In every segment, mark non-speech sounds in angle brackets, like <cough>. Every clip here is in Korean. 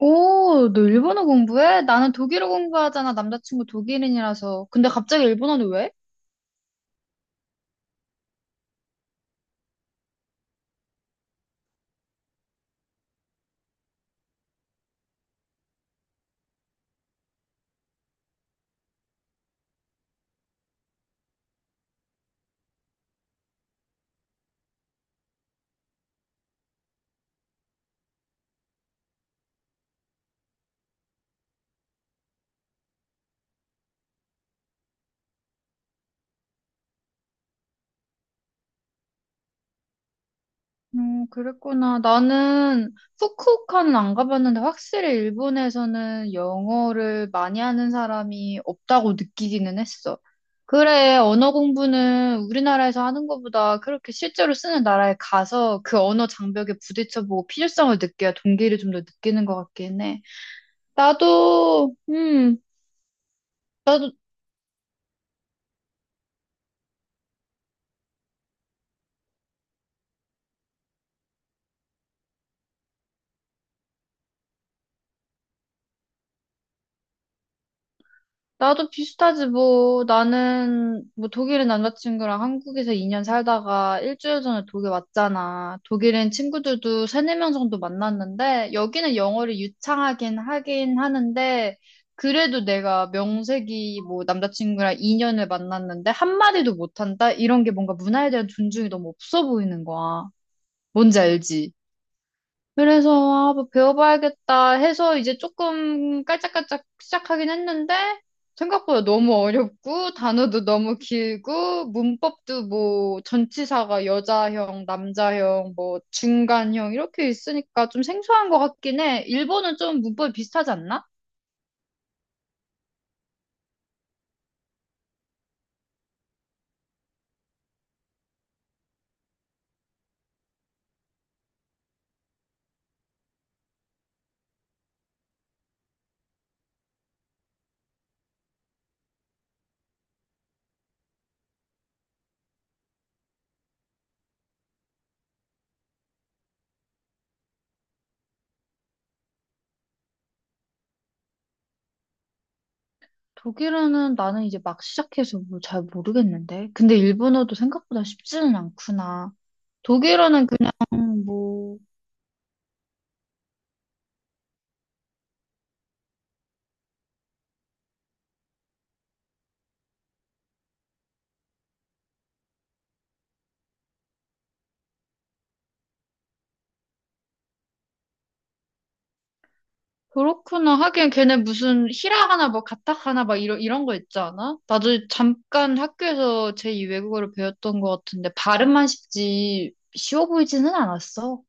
오, 너 일본어 공부해? 나는 독일어 공부하잖아. 남자친구 독일인이라서. 근데 갑자기 일본어는 왜? 그랬구나. 나는 후쿠오카는 안 가봤는데 확실히 일본에서는 영어를 많이 하는 사람이 없다고 느끼기는 했어. 그래, 언어 공부는 우리나라에서 하는 것보다 그렇게 실제로 쓰는 나라에 가서 그 언어 장벽에 부딪혀보고 필요성을 느껴야 동기를 좀 더 느끼는 것 같긴 해. 나도, 음, 나도 비슷하지, 뭐. 나는, 뭐, 독일인 남자친구랑 한국에서 2년 살다가 일주일 전에 독일 왔잖아. 독일인 친구들도 세네 명 정도 만났는데, 여기는 영어를 유창하긴 하긴 하는데, 그래도 내가 명색이 뭐, 남자친구랑 2년을 만났는데, 한마디도 못한다? 이런 게 뭔가 문화에 대한 존중이 너무 없어 보이는 거야. 뭔지 알지? 그래서 아, 뭐 배워봐야겠다 해서 이제 조금 깔짝깔짝 시작하긴 했는데 생각보다 너무 어렵고 단어도 너무 길고 문법도 뭐 전치사가 여자형, 남자형, 뭐 중간형 이렇게 있으니까 좀 생소한 것 같긴 해. 일본은 좀 문법이 비슷하지 않나? 독일어는 나는 이제 막 시작해서 뭐 잘 모르겠는데. 근데 일본어도 생각보다 쉽지는 않구나. 독일어는 그냥 뭐 그렇구나. 하긴 걔네 무슨 히라 하나 뭐 가탁 하나 막 이런 거 있지 않아? 나도 잠깐 학교에서 제2 외국어를 배웠던 것 같은데 발음만 쉽지 쉬워 보이지는 않았어.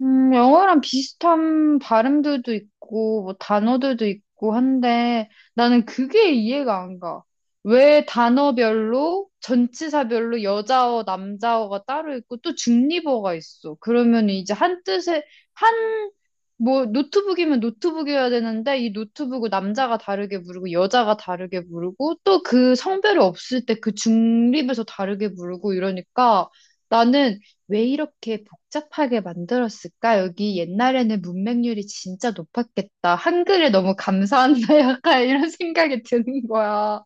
영어랑 비슷한 발음들도 있고, 뭐, 단어들도 있고 한데, 나는 그게 이해가 안 가. 왜 단어별로, 전치사별로 여자어, 남자어가 따로 있고, 또 중립어가 있어. 그러면 이제 한 뜻에, 한, 뭐, 노트북이면 노트북이어야 되는데, 이 노트북을 남자가 다르게 부르고, 여자가 다르게 부르고, 또 그 성별이 없을 때 그 중립에서 다르게 부르고 이러니까, 나는 왜 이렇게 복잡하게 만들었을까? 여기 옛날에는 문맹률이 진짜 높았겠다. 한글에 너무 감사한다. <laughs> 약간 이런 생각이 드는 거야.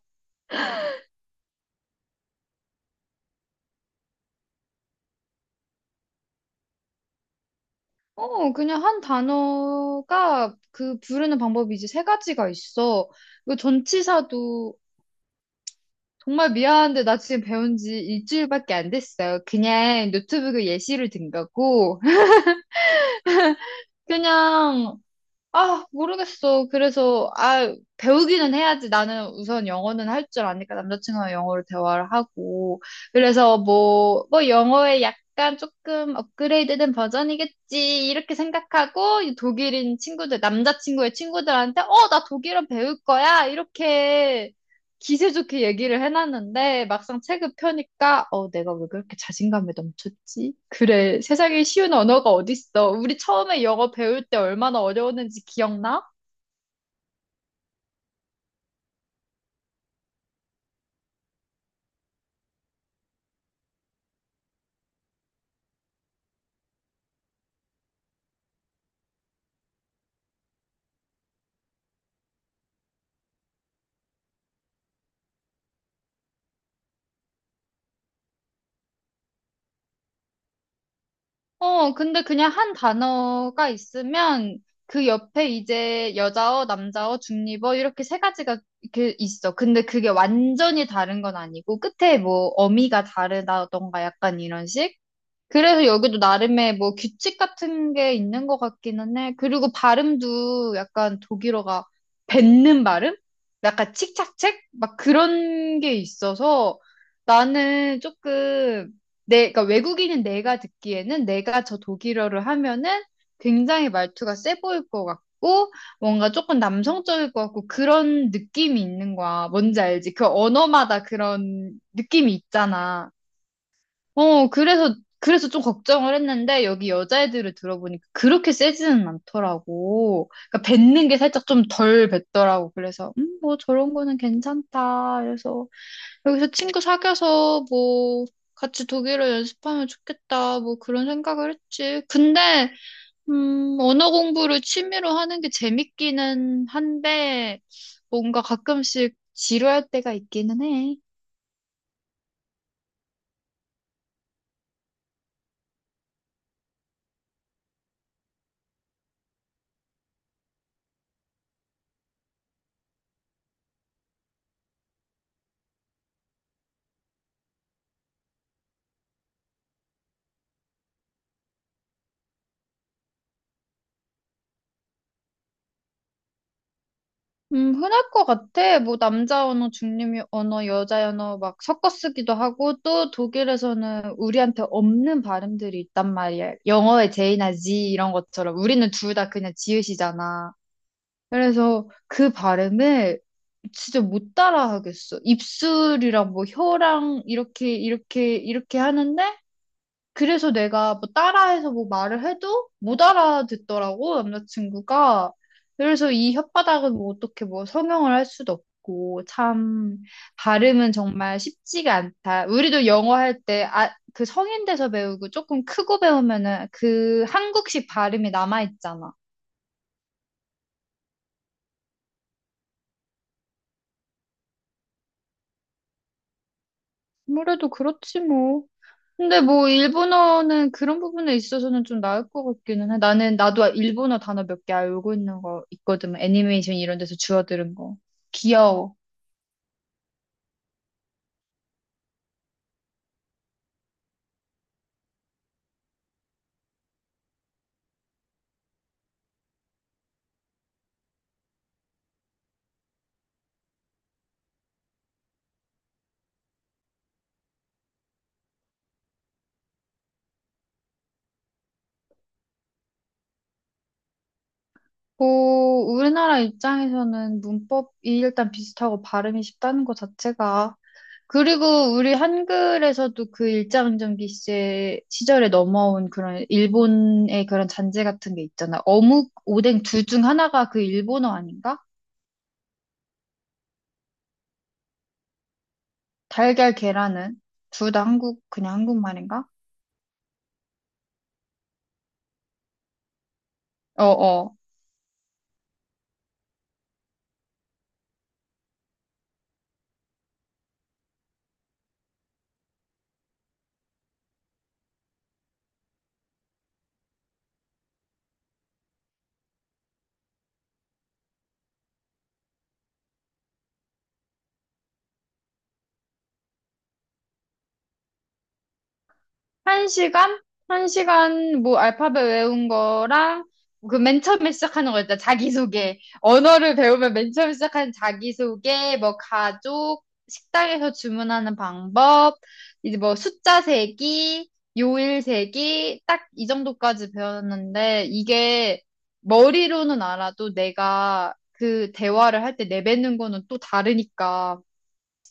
어, 그냥 한 단어가 그 부르는 방법이 이제 세 가지가 있어. 그 전치사도 정말 미안한데 나 지금 배운 지 일주일밖에 안 됐어요. 그냥 노트북에 예시를 든 거고. <laughs> 그냥 아, 모르겠어. 그래서, 아, 배우기는 해야지. 나는 우선 영어는 할 줄 아니까 남자친구랑 영어로 대화를 하고. 그래서 뭐 영어의 약간 조금 업그레이드된 버전이겠지. 이렇게 생각하고, 이 독일인 친구들, 남자친구의 친구들한테, 어, 나 독일어 배울 거야. 이렇게 기세 좋게 얘기를 해놨는데 막상 책을 펴니까 내가 왜 그렇게 자신감에 넘쳤지? 그래 세상에 쉬운 언어가 어딨어? 우리 처음에 영어 배울 때 얼마나 어려웠는지 기억나? 어 근데 그냥 한 단어가 있으면 그 옆에 이제 여자어, 남자어, 중립어 이렇게 세 가지가 이렇게 있어. 근데 그게 완전히 다른 건 아니고 끝에 뭐 어미가 다르다던가 약간 이런 식? 그래서 여기도 나름의 뭐 규칙 같은 게 있는 것 같기는 해. 그리고 발음도 약간 독일어가 뱉는 발음? 약간 칙착책? 막 그런 게 있어서 나는 조금 내, 그러니까 외국인인 내가 듣기에는 내가 저 독일어를 하면은 굉장히 말투가 세 보일 것 같고 뭔가 조금 남성적일 것 같고 그런 느낌이 있는 거야. 뭔지 알지? 그 언어마다 그런 느낌이 있잖아. 어, 그래서 좀 걱정을 했는데, 여기 여자애들을 들어보니까 그렇게 세지는 않더라고. 그러니까 뱉는 게 살짝 좀 덜 뱉더라고. 그래서, 뭐 저런 거는 괜찮다. 그래서, 여기서 친구 사귀어서 뭐, 같이 독일어 연습하면 좋겠다. 뭐 그런 생각을 했지. 언어 공부를 취미로 하는 게 재밌기는 한데, 뭔가 가끔씩 지루할 때가 있기는 해. 흔할 것 같아. 뭐, 남자 언어, 중립 언어, 여자 언어 막 섞어 쓰기도 하고, 또 독일에서는 우리한테 없는 발음들이 있단 말이야. 영어의 J나 Z 이런 것처럼. 우리는 둘 다 그냥 지읒이잖아. 그래서 그 발음을 진짜 못 따라 하겠어. 입술이랑 뭐 혀랑 이렇게, 이렇게, 이렇게 하는데, 그래서 내가 뭐 따라해서 뭐 말을 해도 못 알아듣더라고, 남자친구가. 그래서 이 혓바닥은 뭐 어떻게 뭐 성형을 할 수도 없고, 참, 발음은 정말 쉽지가 않다. 우리도 영어 할 때, 아, 그 성인 돼서 배우고 조금 크고 배우면은 그 한국식 발음이 남아있잖아. 아무래도 그렇지 뭐. 근데 뭐 일본어는 그런 부분에 있어서는 좀 나을 것 같기는 해. 나는 나도 일본어 단어 몇 개 알고 있는 거 있거든. 뭐 애니메이션 이런 데서 주워들은 거. 귀여워. 고 우리나라 입장에서는 문법이 일단 비슷하고 발음이 쉽다는 것 자체가. 그리고 우리 한글에서도 그 일제강점기 시제 시절에 넘어온 그런 일본의 그런 잔재 같은 게 있잖아. 어묵, 오뎅 둘 중 하나가 그 일본어 아닌가? 달걀, 계란은 둘 다 한국, 그냥 한국말인가? 어, 어. 1시간? 1시간, 뭐, 알파벳 외운 거랑, 그 맨 처음에 시작하는 거 있잖아. 자기소개. 언어를 배우면 맨 처음에 시작하는 자기소개, 뭐, 가족, 식당에서 주문하는 방법, 이제 뭐, 숫자 세기, 요일 세기, 딱 이 정도까지 배웠는데, 이게 머리로는 알아도 내가 그 대화를 할 때 내뱉는 거는 또 다르니까,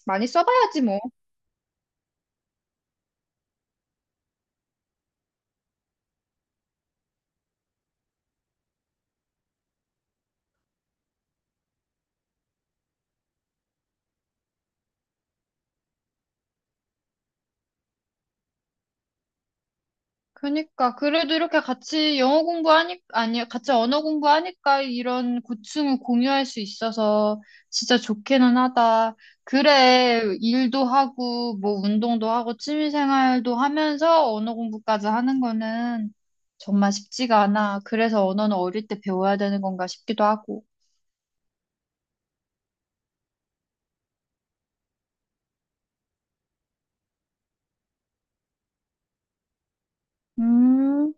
많이 써봐야지, 뭐. 그니까 그래도 이렇게 같이 영어 공부하니 아니 같이 언어 공부하니까 이런 고충을 공유할 수 있어서 진짜 좋기는 하다. 그래 일도 하고 뭐 운동도 하고 취미 생활도 하면서 언어 공부까지 하는 거는 정말 쉽지가 않아. 그래서 언어는 어릴 때 배워야 되는 건가 싶기도 하고. 음.